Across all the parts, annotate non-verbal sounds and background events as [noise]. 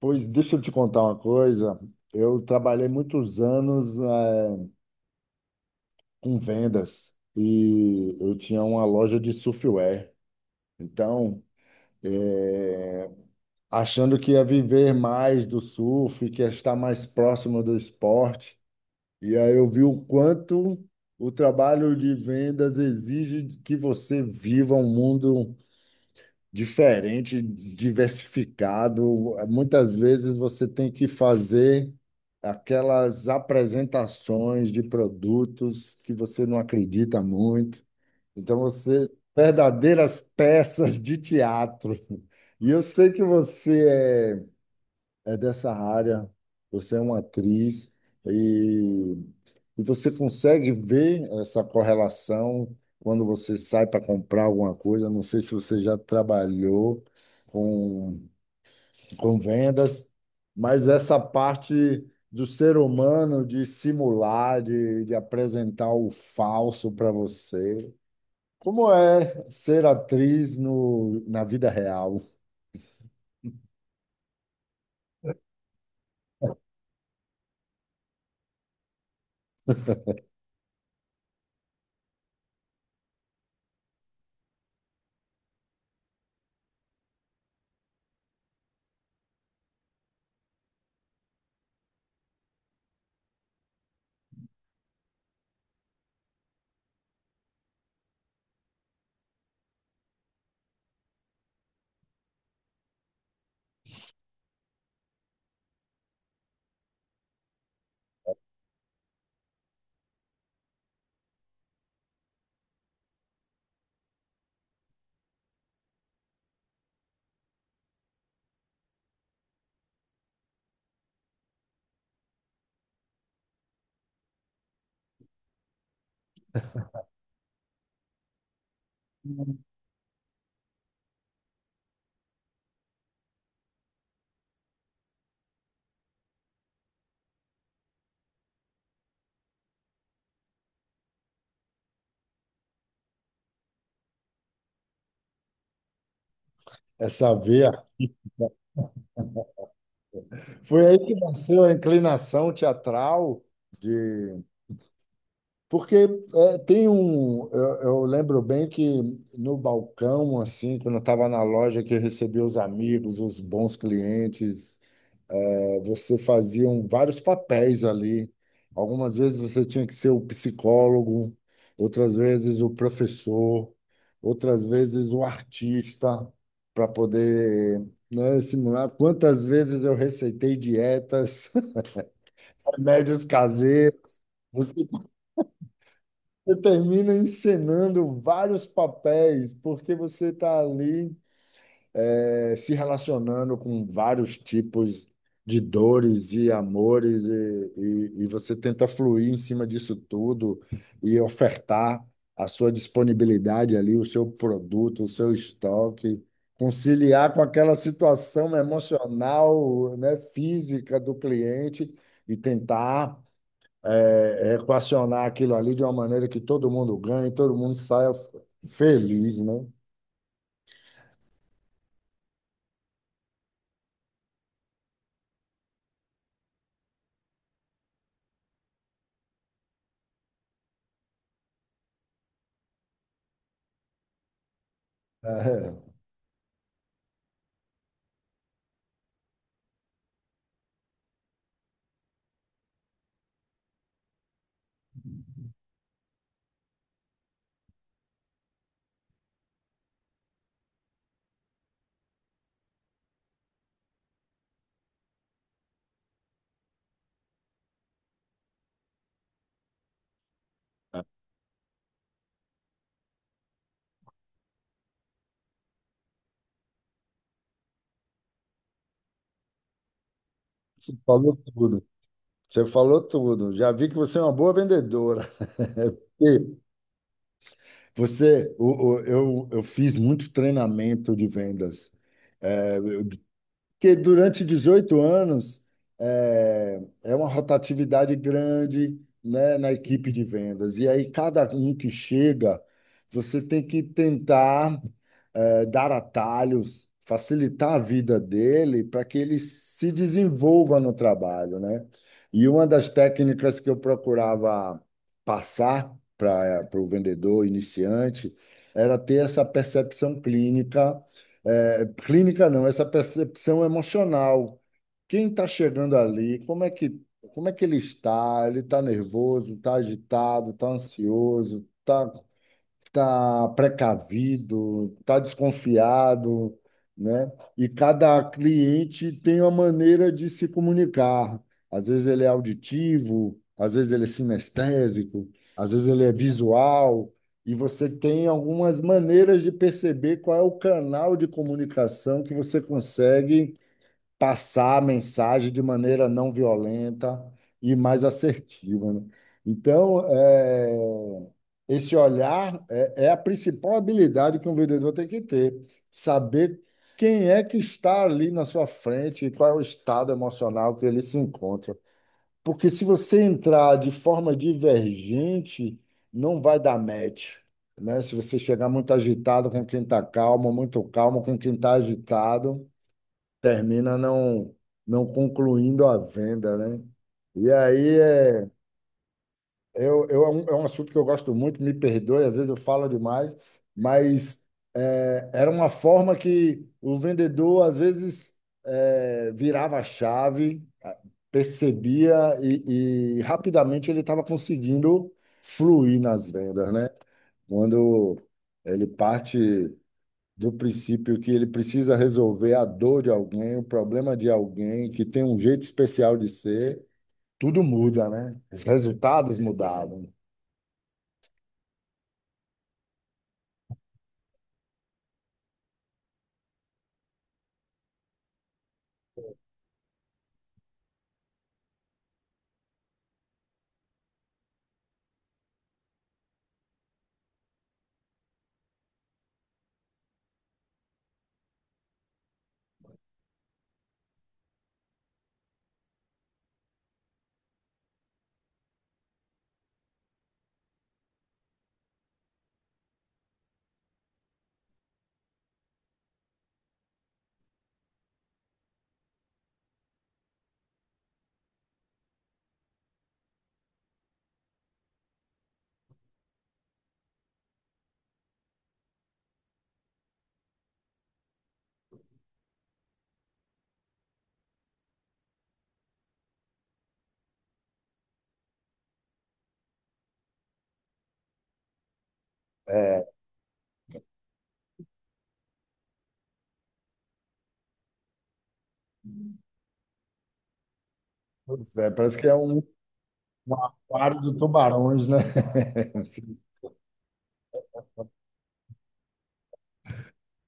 Pois deixa eu te contar uma coisa. Eu trabalhei muitos anos com vendas e eu tinha uma loja de surfwear. Então, eh, Achando que ia viver mais do surf, que ia estar mais próximo do esporte. E aí eu vi o quanto o trabalho de vendas exige que você viva um mundo diferente, diversificado. Muitas vezes você tem que fazer aquelas apresentações de produtos que você não acredita muito. Então, você, verdadeiras peças de teatro. E eu sei que você é dessa área, você é uma atriz. E você consegue ver essa correlação quando você sai para comprar alguma coisa? Não sei se você já trabalhou com, com vendas, mas essa parte do ser humano de simular, de apresentar o falso para você. Como é ser atriz no, na vida real? É saber. Foi aí que nasceu a inclinação teatral de porque é, tem um. Eu lembro bem que no balcão, assim, quando eu estava na loja que recebia os amigos, os bons clientes, você fazia vários papéis ali. Algumas vezes você tinha que ser o psicólogo, outras vezes o professor, outras vezes o artista, para poder, né, simular. Quantas vezes eu receitei dietas, [laughs] remédios caseiros. Você Você termina encenando vários papéis, porque você está ali se relacionando com vários tipos de dores e amores, e, e você tenta fluir em cima disso tudo e ofertar a sua disponibilidade ali, o seu produto, o seu estoque, conciliar com aquela situação emocional, né, física do cliente e tentar equacionar aquilo ali de uma maneira que todo mundo ganhe, todo mundo saia feliz, né? É, você falou tudo. Você falou tudo. Já vi que você é uma boa vendedora. E você, eu fiz muito treinamento de vendas. Porque durante 18 anos é uma rotatividade grande, né, na equipe de vendas. E aí, cada um que chega, você tem que tentar dar atalhos, facilitar a vida dele para que ele se desenvolva no trabalho, né? E uma das técnicas que eu procurava passar para o vendedor iniciante era ter essa percepção clínica clínica não, essa percepção emocional. Quem está chegando ali, como é que ele está? Ele está nervoso, está agitado, está ansioso, está tá precavido, tá desconfiado, né? E cada cliente tem uma maneira de se comunicar. Às vezes ele é auditivo, às vezes ele é sinestésico, às vezes ele é visual, e você tem algumas maneiras de perceber qual é o canal de comunicação que você consegue passar a mensagem de maneira não violenta e mais assertiva, né? Então, é, Esse olhar é a principal habilidade que um vendedor tem que ter, saber quem é que está ali na sua frente e qual é o estado emocional que ele se encontra. Porque se você entrar de forma divergente, não vai dar match. Né? Se você chegar muito agitado com quem está calmo, muito calmo com quem está agitado, termina não, não concluindo a venda, né? E aí é um assunto que eu gosto muito, me perdoe, às vezes eu falo demais, mas era uma forma que o vendedor, às vezes, virava a chave, percebia e rapidamente ele estava conseguindo fluir nas vendas, né? Quando ele parte do princípio que ele precisa resolver a dor de alguém, o problema de alguém, que tem um jeito especial de ser, tudo muda, né? Os resultados mudaram. É, pois é, parece que é um, um aquário de tubarões, né? [laughs]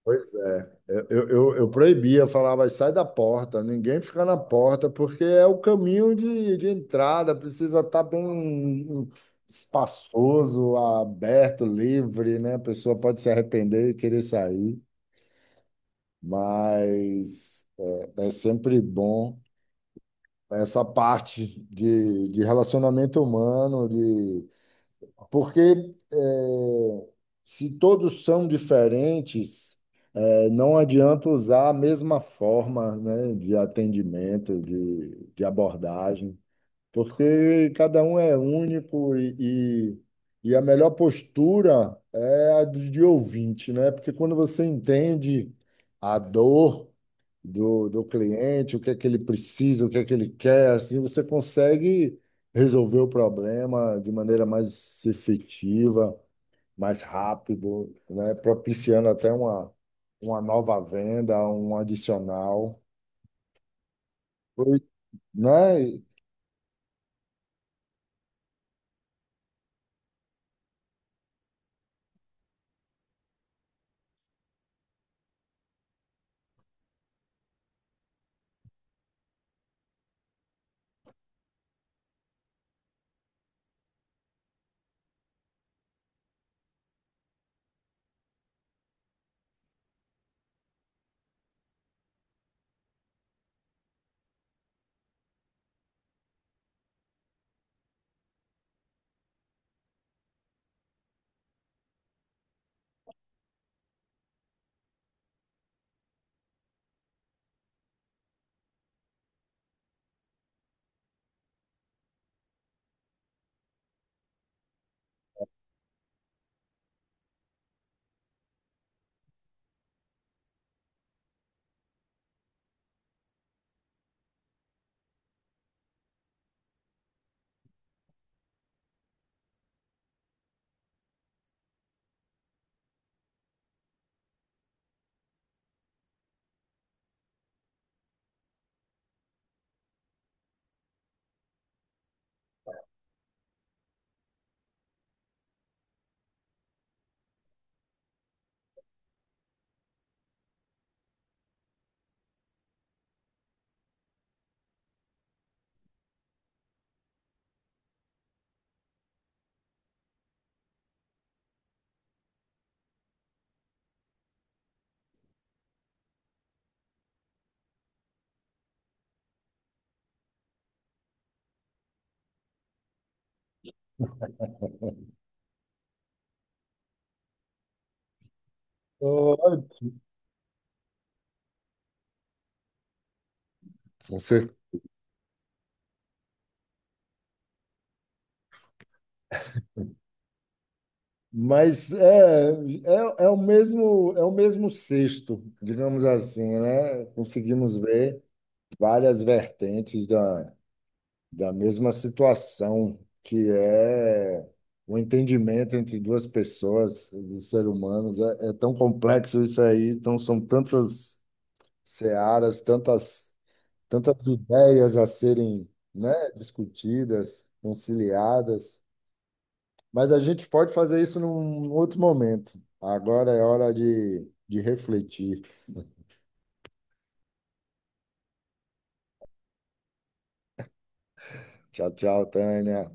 Pois é, eu proibia, falava, sai da porta, ninguém fica na porta, porque é o caminho de entrada, precisa estar bem espaçoso, aberto, livre, né? A pessoa pode se arrepender e querer sair. Mas é sempre bom essa parte de relacionamento humano, de porque é, se todos são diferentes, não adianta usar a mesma forma, né, de atendimento, de abordagem, porque cada um é único e e a melhor postura é a de ouvinte, né? Porque quando você entende a dor do cliente, o que é que ele precisa, o que é que ele quer, assim você consegue resolver o problema de maneira mais efetiva, mais rápido, né? Propiciando até uma nova venda, um adicional, foi, né? Ótimo. Você- mas é, é o mesmo cesto, digamos assim, né? Conseguimos ver várias vertentes da, da mesma situação, que é o entendimento entre duas pessoas, dos seres humanos. É, é tão complexo isso aí, então são tantas searas, tantas, tantas ideias a serem, né, discutidas, conciliadas. Mas a gente pode fazer isso num outro momento. Agora é hora de refletir. Tchau, tchau, Tânia.